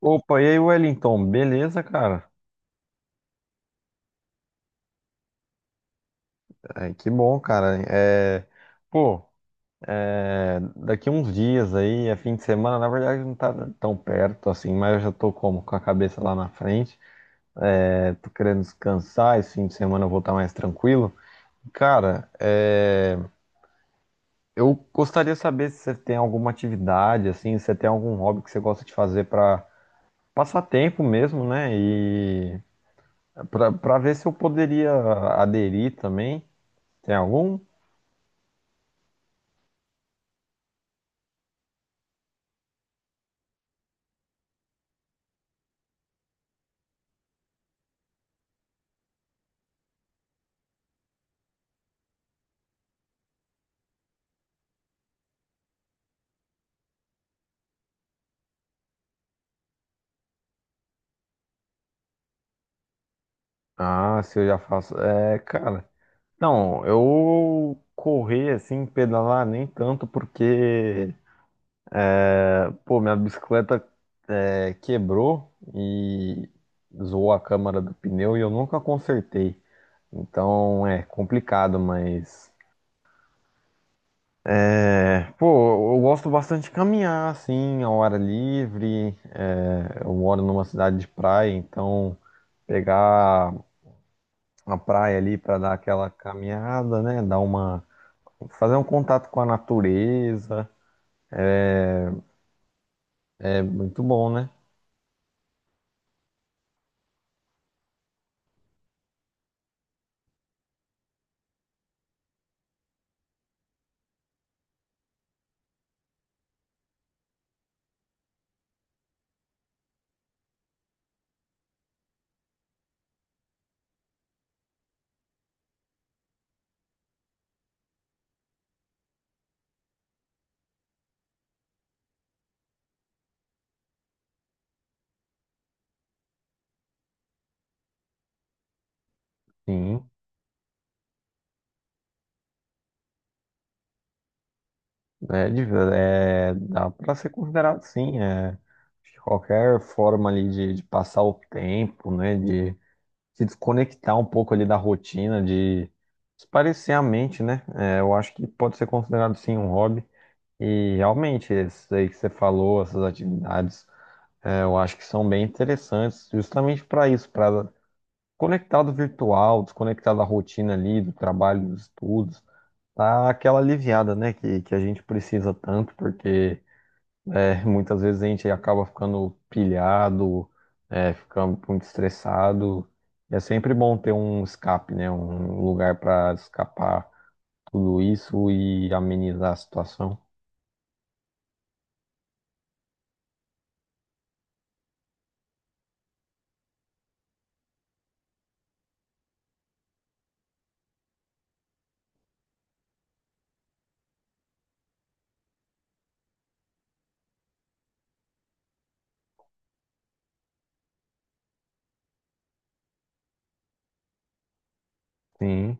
Opa, e aí, Wellington? Beleza, cara? Ai, que bom, cara. É, pô, é, daqui uns dias aí, é fim de semana, na verdade não tá tão perto assim, mas eu já tô com a cabeça lá na frente. É, tô querendo descansar, esse fim de semana eu vou estar mais tranquilo. Cara, é, eu gostaria de saber se você tem alguma atividade, assim, se você tem algum hobby que você gosta de fazer para passar tempo mesmo, né? E para ver se eu poderia aderir também. Tem algum? Ah, se eu já faço. É, cara. Não, eu correr assim, pedalar nem tanto, porque, é, pô, minha bicicleta é, quebrou e zoou a câmara do pneu e eu nunca consertei. Então é complicado, mas. É, pô, eu gosto bastante de caminhar, assim, ao ar livre. É, eu moro numa cidade de praia, então pegar a praia ali para dar aquela caminhada, né? Dar uma Fazer um contato com a natureza é muito bom, né? Sim, é, é, dá para ser considerado sim. É, acho que qualquer forma ali de passar o tempo, né? De se desconectar um pouco ali da rotina, de espairecer a mente, né? É, eu acho que pode ser considerado sim um hobby. E realmente, isso aí que você falou, essas atividades, é, eu acho que são bem interessantes, justamente para isso, para conectado virtual, desconectado da rotina ali, do trabalho, dos estudos. Tá aquela aliviada, né, que a gente precisa tanto, porque é, muitas vezes a gente acaba ficando pilhado, é, ficando muito estressado. É sempre bom ter um escape, né, um lugar para escapar tudo isso e amenizar a situação. Sim,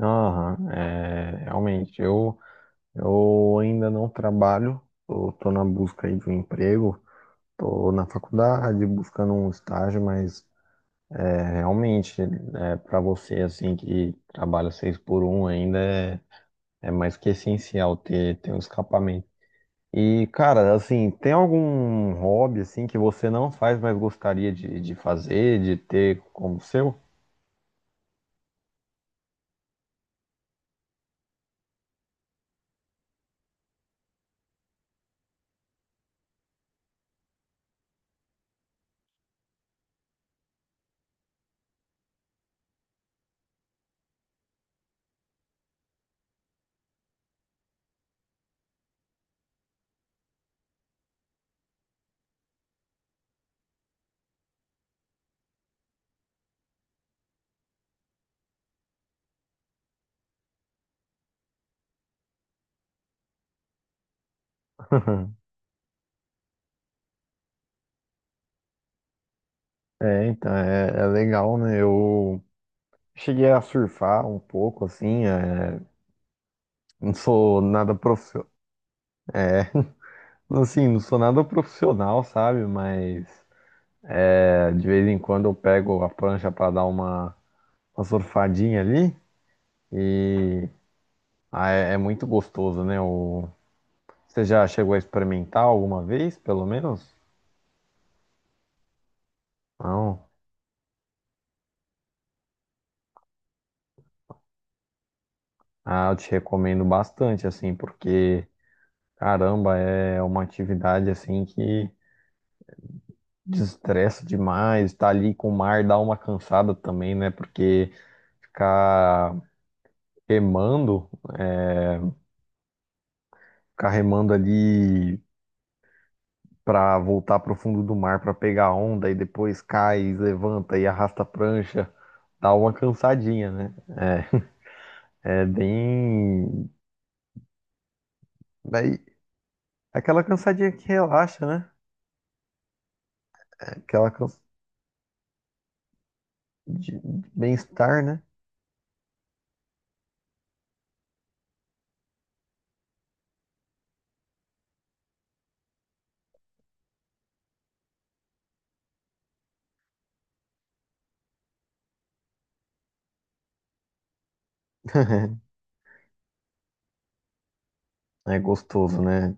aham, é, realmente, eu ainda não trabalho, eu tô na busca aí de um emprego, tô na faculdade buscando um estágio, mas é, realmente é, para você assim que trabalha seis por um ainda é, é mais que essencial ter um escapamento. E cara, assim, tem algum hobby assim que você não faz, mas gostaria de fazer, de ter como seu? É, então, é legal, né? Eu cheguei a surfar um pouco, assim, é, não sou nada profissional, é, assim, não sou nada profissional, sabe? Mas é, de vez em quando eu pego a prancha para dar uma surfadinha ali e ah, é muito gostoso, né? Você já chegou a experimentar alguma vez, pelo menos? Não. Ah, eu te recomendo bastante, assim, porque, caramba, é uma atividade, assim, que desestressa demais. Tá ali com o mar, dá uma cansada também, né? Porque ficar remando, é, ficar remando ali para voltar para o fundo do mar para pegar onda e depois cai, levanta e arrasta a prancha, dá uma cansadinha, né? É bem. Daí, aquela cansadinha que relaxa, né? Aquela cansa... de bem-estar, né? É gostoso, né?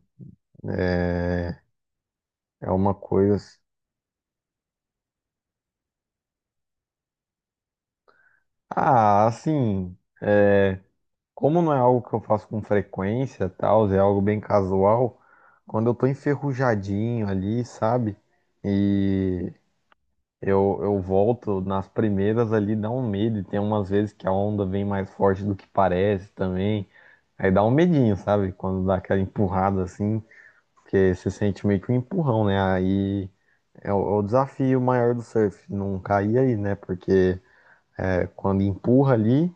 É, é uma coisa. Ah, assim. é, Como não é algo que eu faço com frequência, tal, é algo bem casual. Quando eu tô enferrujadinho ali, sabe? E eu volto nas primeiras ali, dá um medo. E tem umas vezes que a onda vem mais forte do que parece também. Aí dá um medinho, sabe? Quando dá aquela empurrada assim, porque você sente meio que um empurrão, né? Aí é o desafio maior do surf, não cair aí, né? Porque é, quando empurra ali,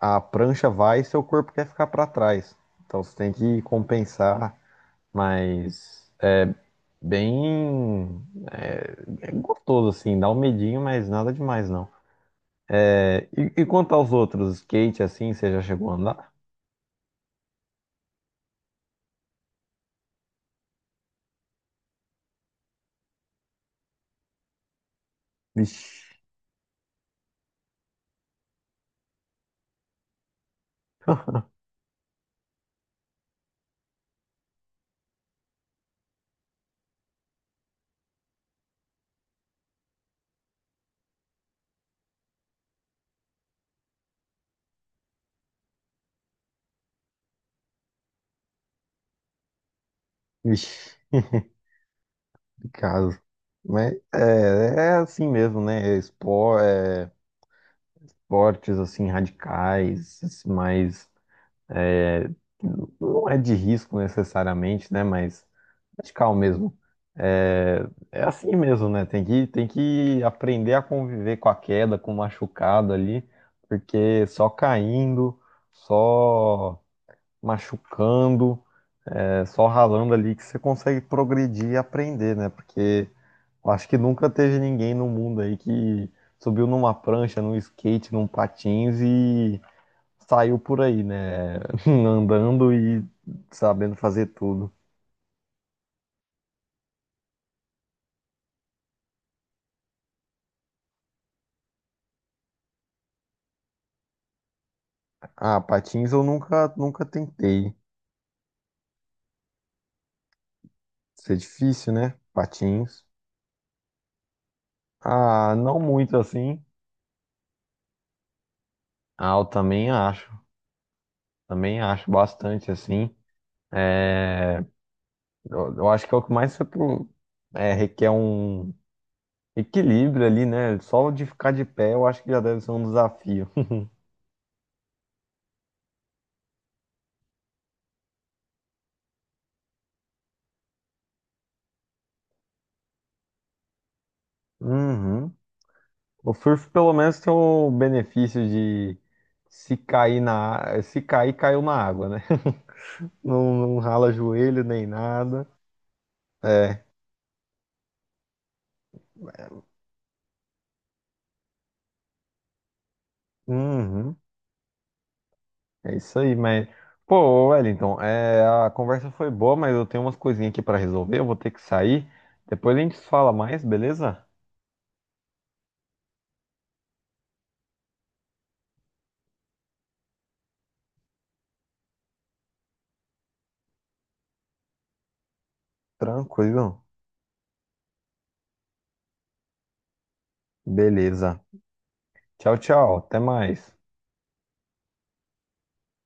a prancha vai e seu corpo quer ficar para trás. Então você tem que compensar, mas bem é gostoso assim, dá um medinho, mas nada demais não. E quanto aos outros, skate assim, você já chegou a andar? Vixe, vixe, que caso. Mas é assim mesmo, né? É esportes assim radicais, esse mais é, não é de risco necessariamente, né? Mas radical mesmo. É, é assim mesmo, né? Tem que aprender a conviver com a queda, com o machucado ali, porque só caindo, só machucando. É só ralando ali que você consegue progredir e aprender, né? Porque eu acho que nunca teve ninguém no mundo aí que subiu numa prancha, num skate, num patins e saiu por aí, né? Andando e sabendo fazer tudo. Ah, patins eu nunca, nunca tentei. Isso é difícil, né? Patins. Ah, não muito assim. Ah, eu também acho. Também acho bastante assim. Eu acho que é o que mais você requer um equilíbrio ali, né? Só de ficar de pé eu acho que já deve ser um desafio. Uhum. O surf pelo menos tem o benefício de se cair, caiu na água, né? Não, não rala joelho nem nada. É. Uhum. É isso aí, mas pô, Wellington, é, a conversa foi boa, mas eu tenho umas coisinhas aqui pra resolver, eu vou ter que sair. Depois a gente fala mais, beleza? Tranquilo. Beleza. Tchau, tchau. Até mais.